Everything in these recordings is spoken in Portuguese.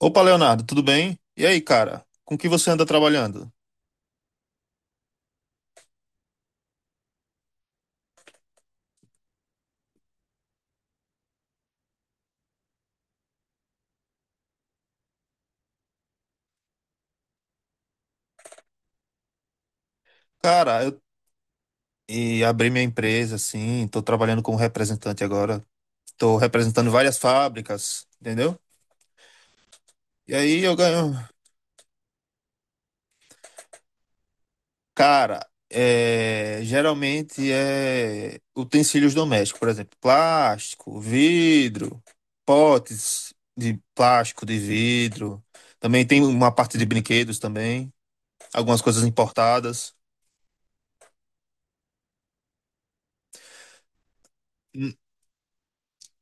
Opa, Leonardo, tudo bem? E aí, cara? Com que você anda trabalhando? Cara, eu e abri minha empresa, assim, tô trabalhando como representante agora. Tô representando várias fábricas, entendeu? E aí eu ganho. Cara, é, geralmente é utensílios domésticos, por exemplo, plástico, vidro, potes de plástico, de vidro. Também tem uma parte de brinquedos também, algumas coisas importadas.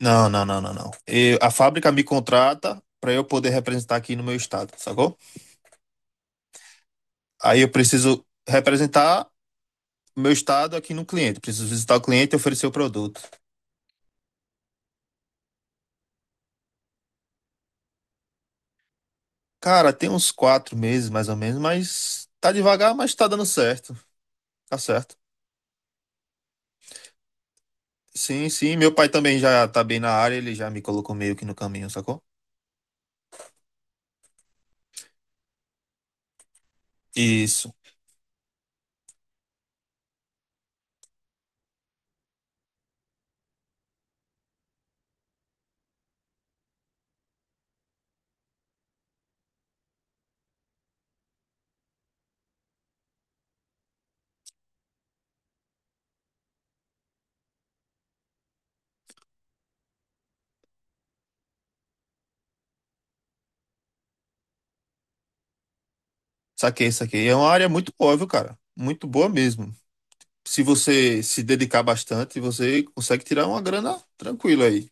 Não, não, não, não, não. A fábrica me contrata para eu poder representar aqui no meu estado, sacou? Aí eu preciso representar meu estado aqui no cliente. Preciso visitar o cliente e oferecer o produto. Cara, tem uns 4 meses mais ou menos, mas tá devagar, mas tá dando certo. Tá certo. Sim, sim. Meu pai também já tá bem na área, ele já me colocou meio que no caminho, sacou? Isso. Saquei, saquei. É uma área muito boa, viu, cara? Muito boa mesmo. Se você se dedicar bastante, você consegue tirar uma grana tranquila aí.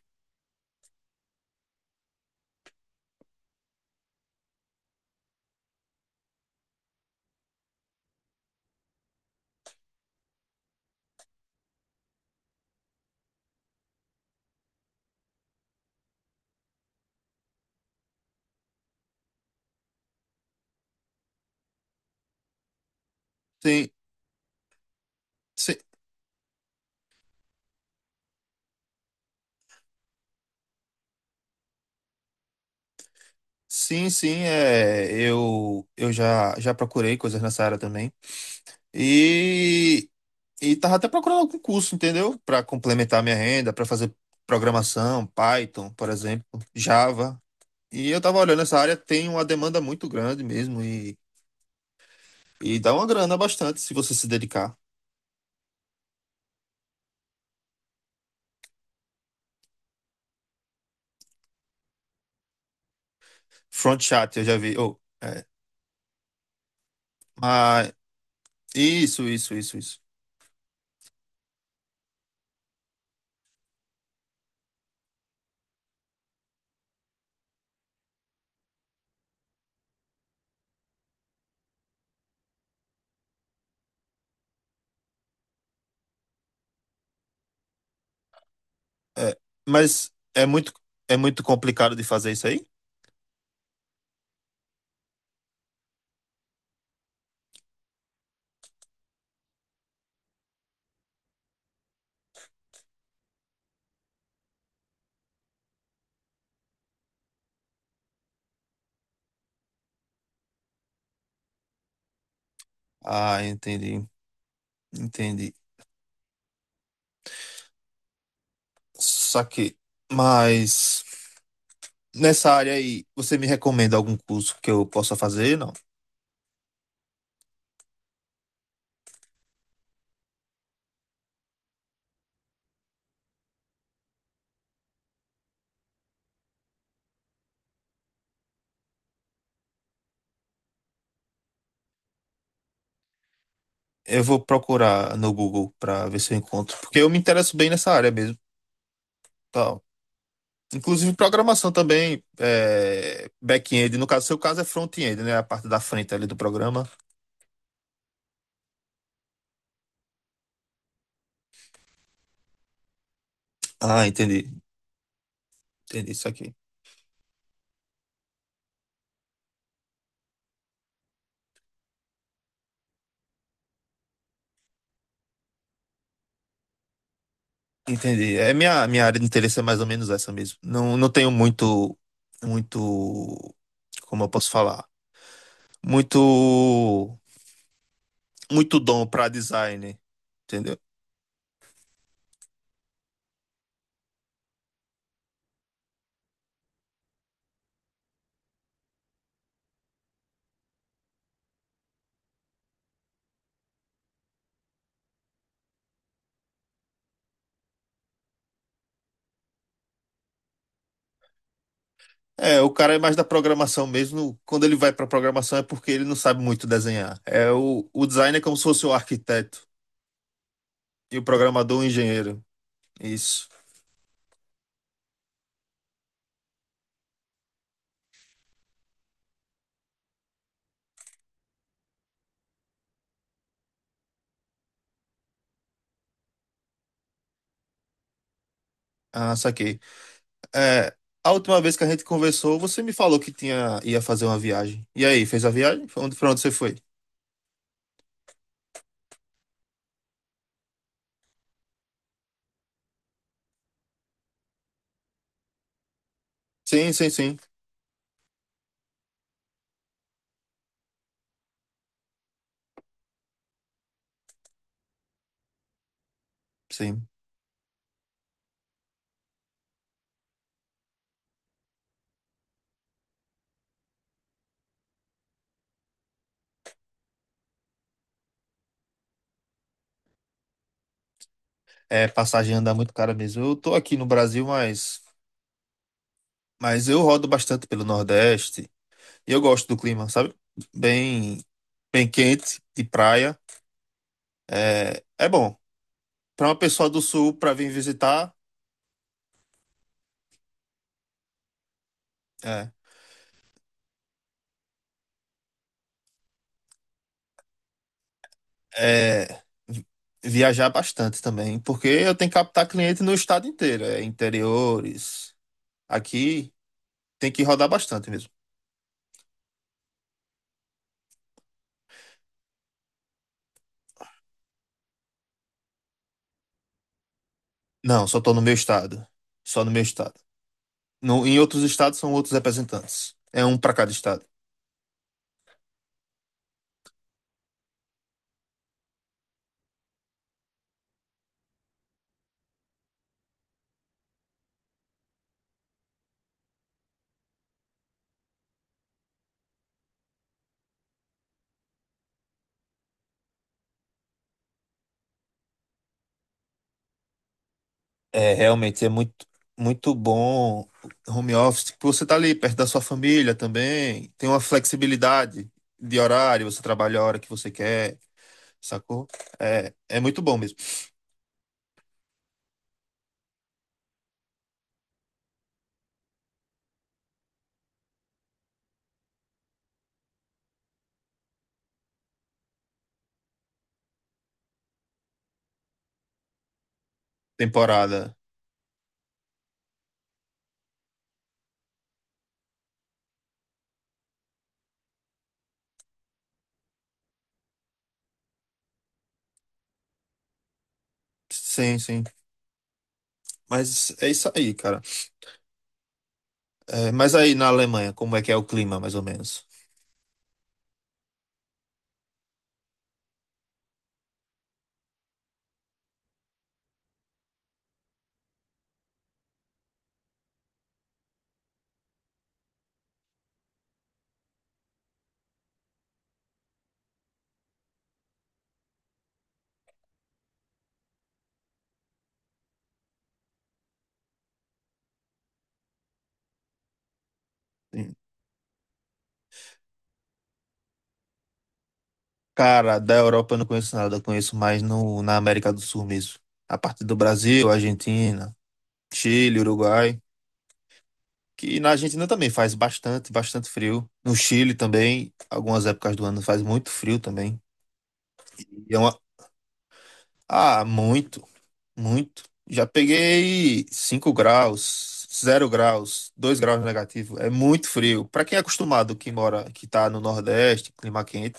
Sim, Si- sim, sim, é, eu já, já procurei coisas nessa área também. E, e tava até procurando algum curso, entendeu? Para complementar minha renda, para fazer programação, Python, por exemplo, Java. E eu tava olhando essa área, tem uma demanda muito grande mesmo e dá uma grana bastante se você se dedicar. Front chat, eu já vi. Oh, é, mas isso, isso, isso, isso. É, mas é muito complicado de fazer isso aí? Ah, entendi. Entendi. Saquei. Mas nessa área aí, você me recomenda algum curso que eu possa fazer? Não. Eu vou procurar no Google para ver se eu encontro, porque eu me interesso bem nessa área mesmo, tal. Inclusive programação também, é, back-end, no caso, seu caso é front-end, né? A parte da frente ali do programa. Ah, entendi. Entendi isso aqui. Entendi. É, minha área de interesse é mais ou menos essa mesmo. Não, não tenho muito como eu posso falar? Muito muito dom para design, entendeu? É, o cara é mais da programação mesmo. Quando ele vai para programação é porque ele não sabe muito desenhar. É o design é como se fosse o arquiteto e o programador o engenheiro. Isso. Ah, saquei. É, a última vez que a gente conversou, você me falou que tinha ia fazer uma viagem. E aí, fez a viagem? Pra onde, pra onde você foi? Sim, sim, sim, sim. É, passagem anda muito cara mesmo. Eu tô aqui no Brasil, mas eu rodo bastante pelo Nordeste. Eu gosto do clima, sabe? Bem, bem quente, de praia. É, é bom. Para uma pessoa do sul, para vir visitar, é, é vi- viajar bastante também, porque eu tenho que captar cliente no estado inteiro, é, interiores. Aqui tem que rodar bastante mesmo. Não, só tô no meu estado. Só no meu estado. No, Em outros estados são outros representantes. É um para cada estado. É, realmente é muito bom o home office, porque você tá ali perto da sua família também, tem uma flexibilidade de horário, você trabalha a hora que você quer, sacou? É, é muito bom mesmo. Temporada. Sim, sim. Mas é isso aí, cara. É, mas aí na Alemanha, como é que é o clima, mais ou menos? Sim. Cara, da Europa eu não conheço nada, eu conheço mais no, na América do Sul mesmo. A parte do Brasil, Argentina, Chile, Uruguai. Que na Argentina também faz bastante frio. No Chile também, algumas épocas do ano faz muito frio também. E é uma... Ah, muito, muito. Já peguei 5 graus, 0 graus, 2 graus negativo. É muito frio. Para quem é acostumado, que mora, que tá no Nordeste, clima quente,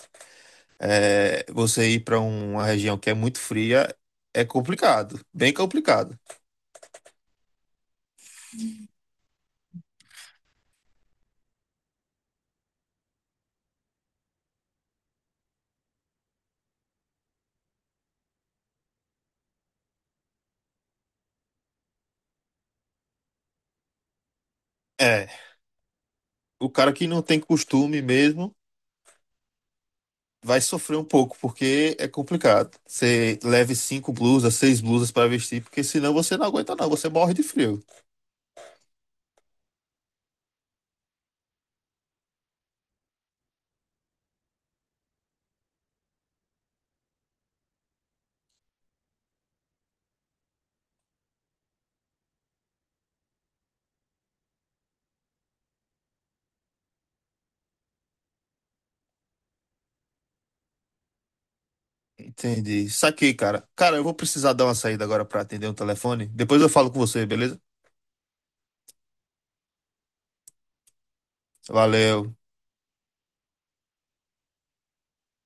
é, você ir para uma região que é muito fria é complicado, bem complicado. É, o cara que não tem costume mesmo vai sofrer um pouco, porque é complicado. Você leve 5 blusas, 6 blusas para vestir, porque senão você não aguenta, não. Você morre de frio. Entendi. Saquei, cara. Cara, eu vou precisar dar uma saída agora para atender um telefone. Depois eu falo com você, beleza? Valeu.